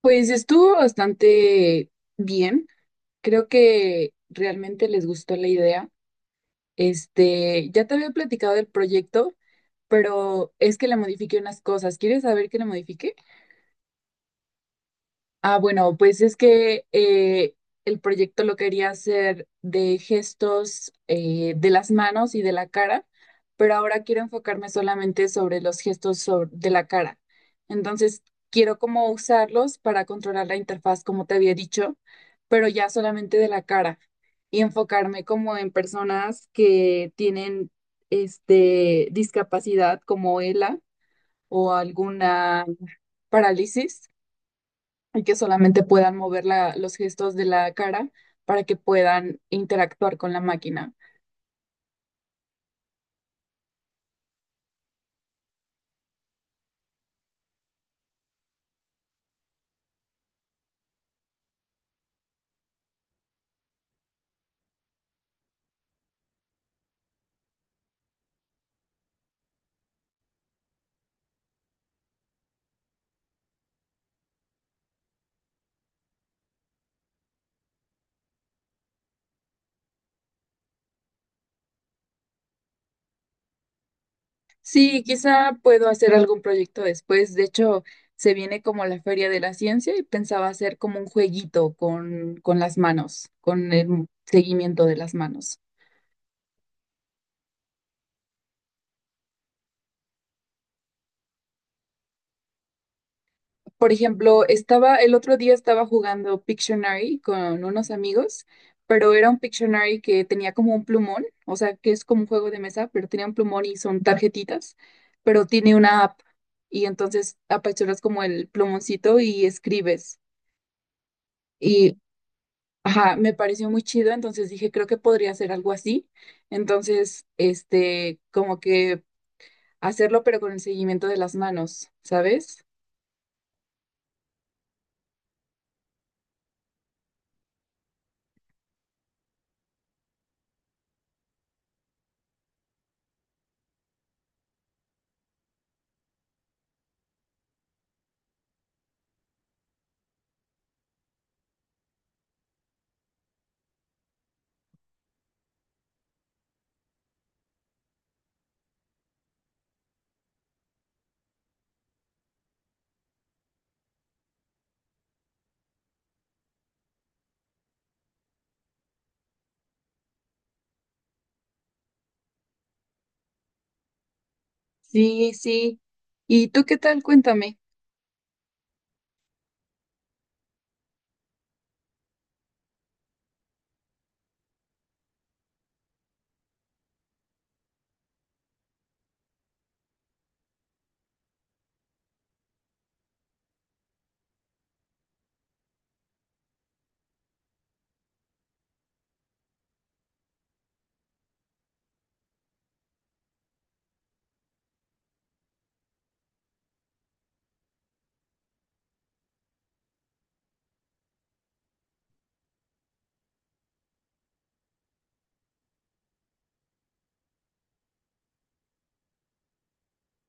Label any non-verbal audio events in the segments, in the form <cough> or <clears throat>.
Pues estuvo bastante bien. Creo que realmente les gustó la idea. Ya te había platicado del proyecto, pero es que le modifiqué unas cosas. ¿Quieres saber qué le modifiqué? Ah, bueno, pues es que el proyecto lo quería hacer de gestos de las manos y de la cara, pero ahora quiero enfocarme solamente sobre los gestos de la cara. Entonces, quiero como usarlos para controlar la interfaz, como te había dicho, pero ya solamente de la cara y enfocarme como en personas que tienen discapacidad como ELA o alguna parálisis, y que solamente puedan mover los gestos de la cara para que puedan interactuar con la máquina. Sí, quizá puedo hacer algún proyecto después. De hecho, se viene como la Feria de la Ciencia y pensaba hacer como un jueguito con las manos, con el seguimiento de las manos. Por ejemplo, el otro día estaba jugando Pictionary con unos amigos, pero era un Pictionary que tenía como un plumón, o sea, que es como un juego de mesa, pero tenía un plumón y son tarjetitas, pero tiene una app y entonces apachuras como el plumoncito y escribes. Y, ajá, me pareció muy chido, entonces dije, creo que podría hacer algo así. Entonces, como que hacerlo, pero con el seguimiento de las manos, ¿sabes? Sí, sí. ¿Y tú qué tal? Cuéntame.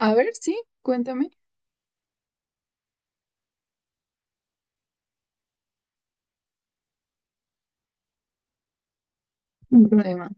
A ver, sí, cuéntame, un problema.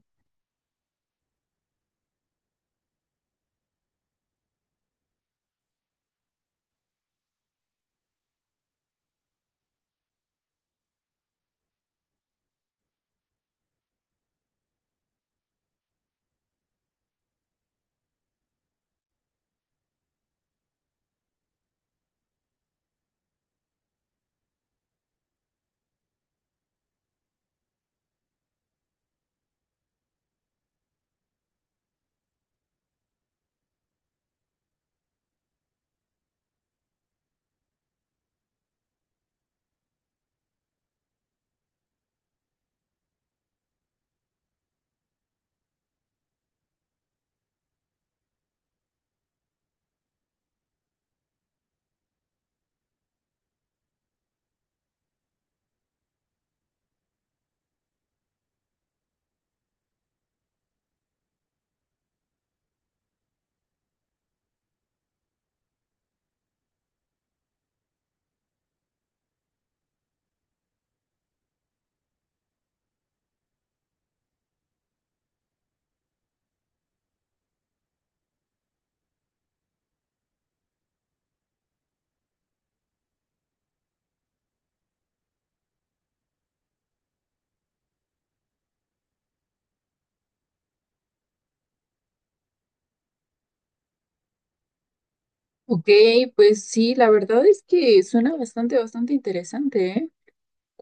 Ok, pues sí, la verdad es que suena bastante, bastante interesante, ¿eh?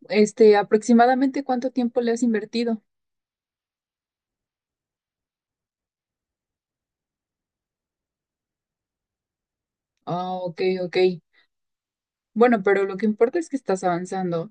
Aproximadamente cuánto tiempo le has invertido. Ah, ok, ok. Bueno, pero lo que importa es que estás avanzando.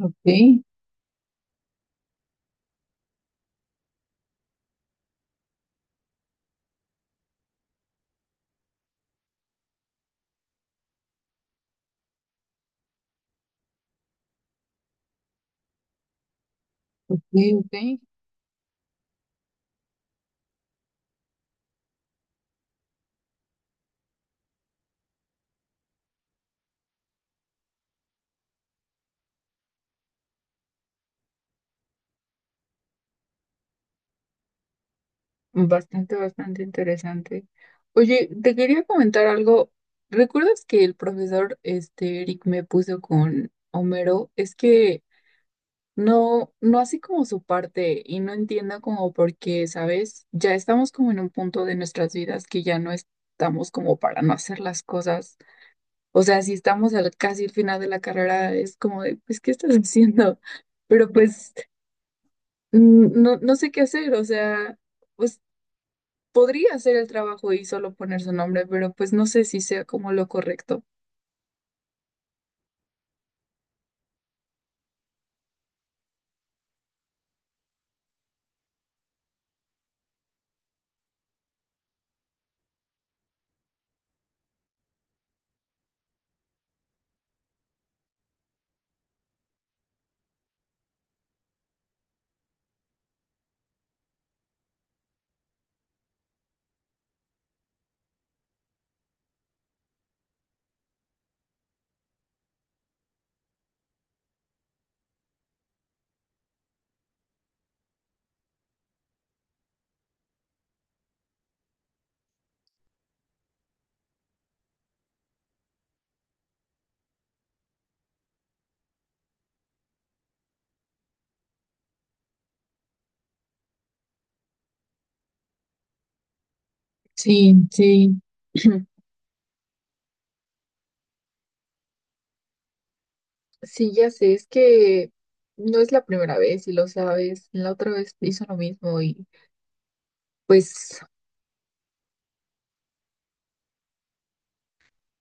Ok, ok, ok. Bastante, bastante interesante. Oye, te quería comentar algo. ¿Recuerdas que el profesor, este, Eric me puso con Homero? Es que no, no así como su parte y no entiendo como por qué, ¿sabes? Ya estamos como en un punto de nuestras vidas que ya no estamos como para no hacer las cosas. O sea, si estamos al casi el final de la carrera, es como de, pues, ¿qué estás <laughs> haciendo? Pero pues mm, no sé qué hacer, o sea, pues podría hacer el trabajo y solo poner su nombre, pero pues no sé si sea como lo correcto. Sí, sí. <clears throat> Sí, ya sé, es que no es la primera vez y lo sabes. La otra vez hizo lo mismo y pues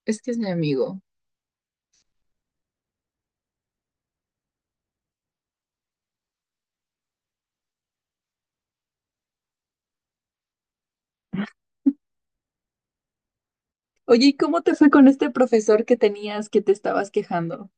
es que es mi amigo. Oye, ¿y cómo te fue con este profesor que tenías que te estabas quejando?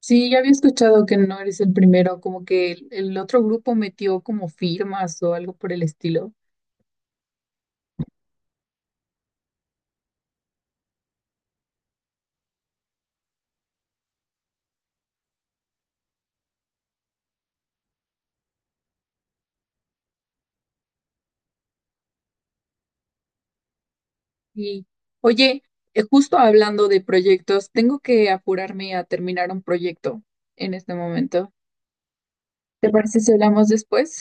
Sí, ya había escuchado que no eres el primero, como que el otro grupo metió como firmas o algo por el estilo. Y oye, justo hablando de proyectos, tengo que apurarme a terminar un proyecto en este momento. ¿Te parece si hablamos después?